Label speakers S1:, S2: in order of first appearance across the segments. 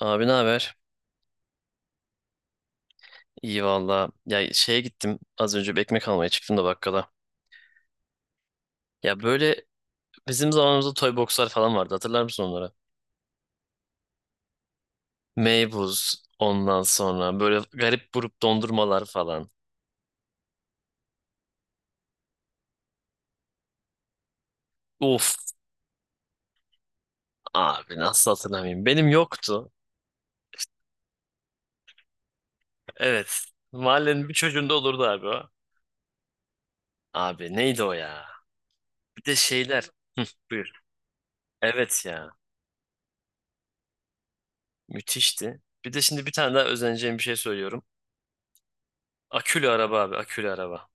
S1: Abi ne haber? İyi valla. Ya şeye gittim. Az önce bir ekmek almaya çıktım da bakkala. Ya böyle bizim zamanımızda toy boxlar falan vardı. Hatırlar mısın onları? Meybuz ondan sonra böyle garip grup dondurmalar falan. Uf, abi nasıl hatırlamayayım. Benim yoktu. Evet. Mahallenin bir çocuğunda olurdu abi o. Abi neydi o ya? Bir de şeyler. Hı, buyur. Evet ya. Müthişti. Bir de şimdi bir tane daha özeneceğim bir şey söylüyorum. Akülü araba abi. Akülü araba.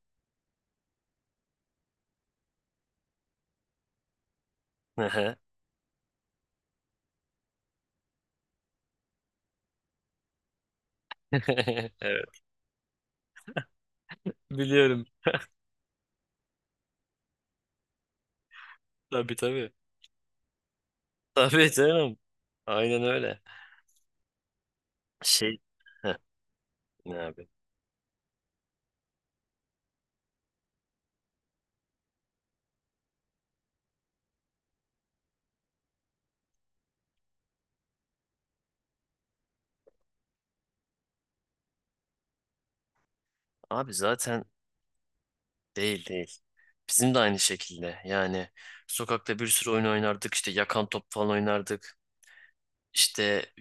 S1: Evet. Biliyorum. Tabii tabii. Tabii canım. Aynen öyle. Şey, heh, ne abi? Abi zaten değil değil. Bizim de aynı şekilde. Yani sokakta bir sürü oyun oynardık. İşte yakan top falan oynardık. İşte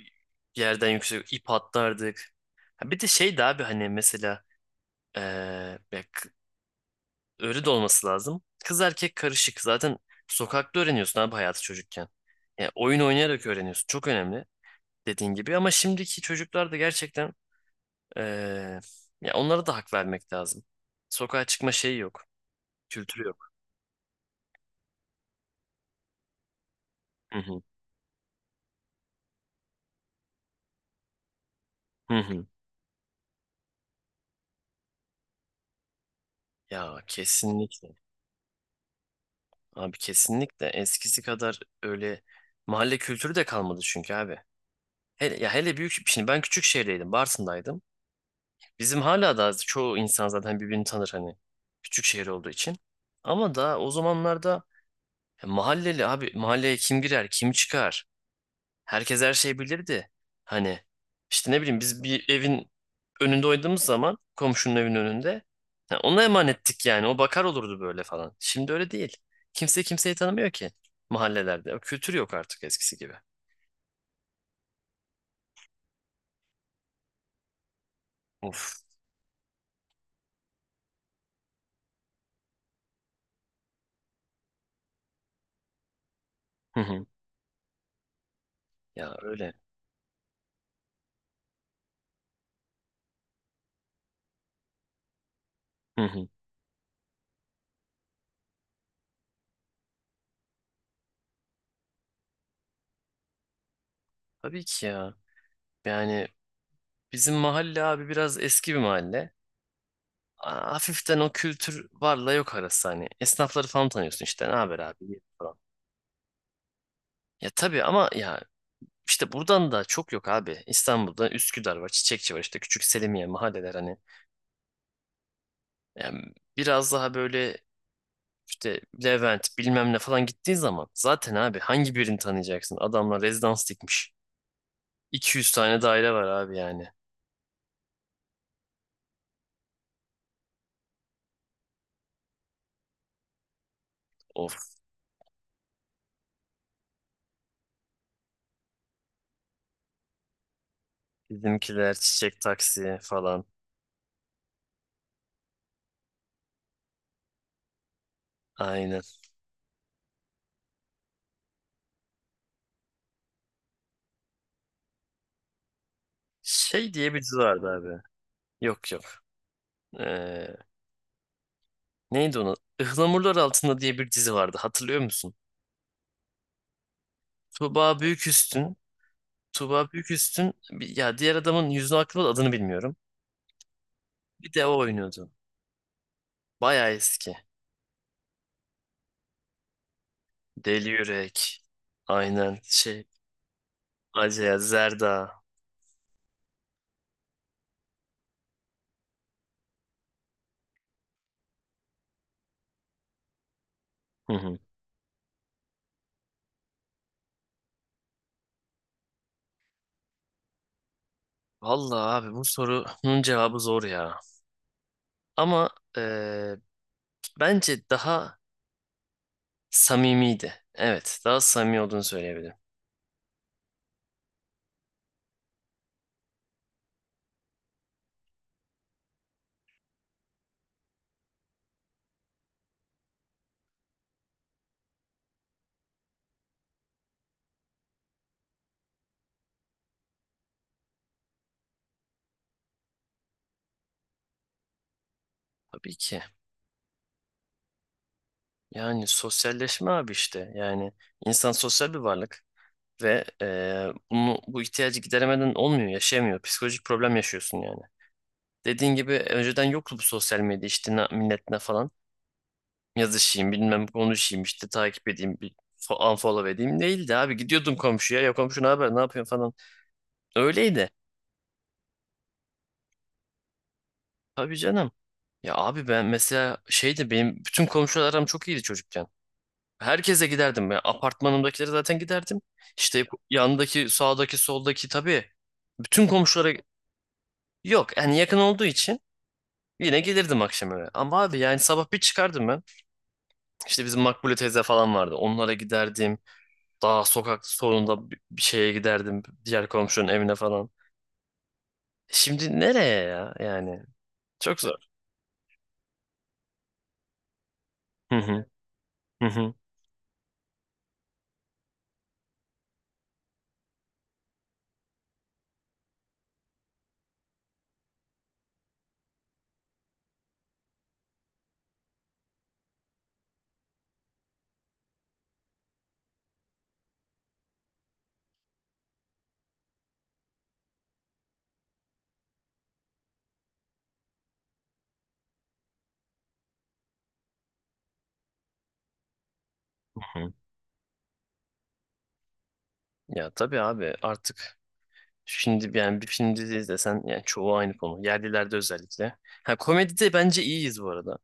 S1: yerden yüksek ip atlardık. Ha, bir de şeydi abi hani mesela eee, ya k- öyle de olması lazım. Kız erkek karışık. Zaten sokakta öğreniyorsun abi hayatı çocukken. Yani oyun oynayarak öğreniyorsun. Çok önemli dediğin gibi. Ama şimdiki çocuklar da gerçekten Ee, ya onlara da hak vermek lazım. Sokağa çıkma şeyi yok. Kültürü yok. Hı hı. Hı hı. Ya kesinlikle. Abi kesinlikle. Eskisi kadar öyle mahalle kültürü de kalmadı çünkü abi. Hele, ya hele büyük şimdi ben küçük şehirdeydim. Bartın'daydım. Bizim hala da çoğu insan zaten birbirini tanır hani. Küçük şehir olduğu için. Ama da o zamanlarda ya mahalleli abi mahalleye kim girer, kim çıkar? Herkes her şeyi bilirdi. Hani işte ne bileyim biz bir evin önünde oynadığımız zaman komşunun evinin önünde ha, ona emanettik yani. O bakar olurdu böyle falan. Şimdi öyle değil. Kimse kimseyi tanımıyor ki mahallelerde. O kültür yok artık eskisi gibi. Of. Hı hı. Ya öyle. Hı hı. Tabii ki ya. Yani bizim mahalle abi biraz eski bir mahalle. Hafiften o kültür varla yok arası hani. Esnafları falan tanıyorsun işte. Ne haber abi? Falan. Ya tabii ama ya İşte buradan da çok yok abi. İstanbul'da Üsküdar var, Çiçekçi var işte küçük Selimiye mahalleler hani. Yani biraz daha böyle işte Levent bilmem ne falan gittiği zaman zaten abi hangi birini tanıyacaksın? Adamlar rezidans dikmiş. 200 tane daire var abi yani. Of. Bizimkiler çiçek taksi falan. Aynen. Şey diye bir dizi vardı abi. Yok yok. Ee, neydi onu? Ihlamurlar Altında diye bir dizi vardı hatırlıyor musun? Tuğba Büyüküstün Tuğba Büyüküstün ya diğer adamın yüzünü aklımda da adını bilmiyorum. Bir de o oynuyordu. Bayağı eski. Deli Yürek. Aynen şey. Acıya Zerda. Hı hı. Vallahi abi bu sorunun cevabı zor ya. Ama eee, bence daha samimiydi. Evet, daha samimi olduğunu söyleyebilirim. Tabii ki. Yani sosyalleşme abi işte. Yani insan sosyal bir varlık ve bu ihtiyacı gideremeden olmuyor, yaşayamıyor. Psikolojik problem yaşıyorsun yani. Dediğin gibi önceden yoktu bu sosyal medya işte millet ne falan. Yazışayım bilmem konuşayım işte takip edeyim bir unfollow edeyim değildi abi. Gidiyordum komşuya ya komşu ne haber ne yapıyorsun falan. Öyleydi. Tabii canım. Ya abi ben mesela şeydi benim bütün komşular aram çok iyiydi çocukken. Herkese giderdim ya. Apartmanımdakilere zaten giderdim. İşte yandaki sağdaki soldaki tabii. Bütün komşulara yok yani yakın olduğu için yine gelirdim akşam eve. Ama abi yani sabah bir çıkardım ben. İşte bizim Makbule teyze falan vardı. Onlara giderdim. Daha sokak sonunda bir şeye giderdim. Diğer komşunun evine falan. Şimdi nereye ya yani? Çok zor. Hı hı, hı hı, hı hı. Ya tabii abi artık şimdi yani bir film dizi izlesen yani çoğu aynı konu. Yerlilerde özellikle. Ha komedide bence iyiyiz bu arada.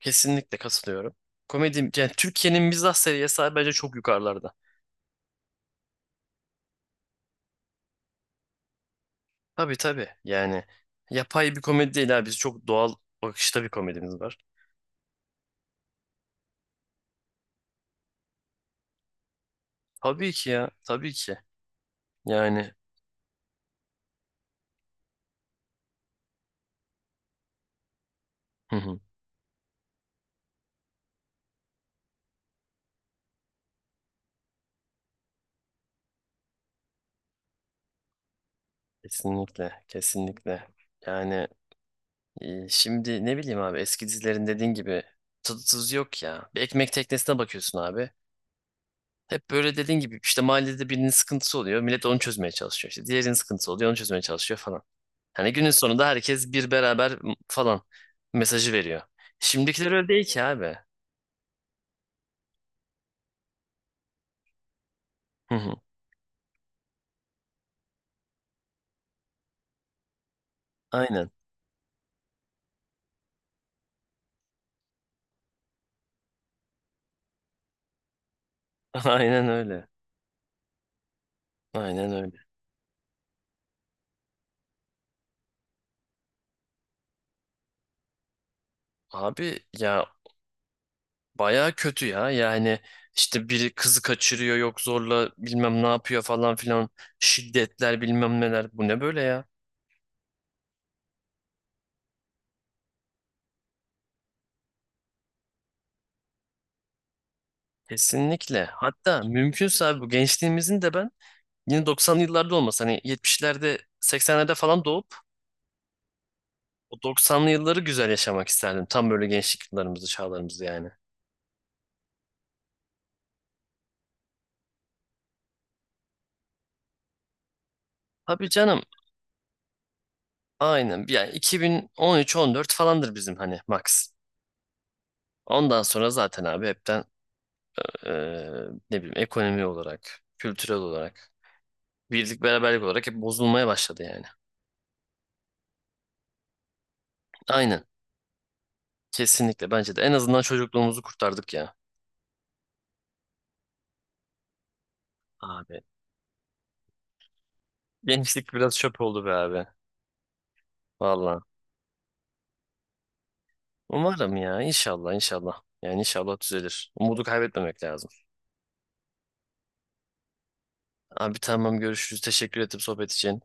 S1: Kesinlikle katılıyorum. Komedi yani Türkiye'nin mizah seviyesi abi bence çok yukarılarda. Tabii tabii yani yapay bir komedi değil abi. Biz çok doğal bakışta bir komedimiz var. Tabii ki ya, tabii ki. Yani hı hı, kesinlikle, kesinlikle. Yani şimdi ne bileyim abi eski dizilerin dediğin gibi tadı tuzu yok ya. Bir ekmek teknesine bakıyorsun abi. Hep böyle dediğin gibi işte mahallede birinin sıkıntısı oluyor. Millet onu çözmeye çalışıyor. İşte diğerinin sıkıntısı oluyor onu çözmeye çalışıyor falan. Hani günün sonunda herkes bir beraber falan mesajı veriyor. Şimdikiler öyle değil ki abi. Hı hı, aynen. Aynen öyle. Aynen öyle. Abi ya, bayağı kötü ya. Yani işte biri kızı kaçırıyor yok zorla bilmem ne yapıyor falan filan. Şiddetler bilmem neler. Bu ne böyle ya? Kesinlikle. Hatta mümkünse abi bu gençliğimizin de ben yine 90'lı yıllarda olmasa hani 70'lerde 80'lerde falan doğup o 90'lı yılları güzel yaşamak isterdim. Tam böyle gençlik yıllarımızı, çağlarımızı yani. Tabii canım. Aynen. Yani 2013-14 falandır bizim hani max. Ondan sonra zaten abi hepten eee, ne bileyim ekonomi olarak, kültürel olarak birlik beraberlik olarak hep bozulmaya başladı yani. Aynen. Kesinlikle bence de. En azından çocukluğumuzu kurtardık ya. Abi. Gençlik biraz çöp oldu be abi. Valla. Umarım ya. İnşallah inşallah. Yani inşallah düzelir. Umudu kaybetmemek lazım. Abi tamam görüşürüz. Teşekkür ettim sohbet için.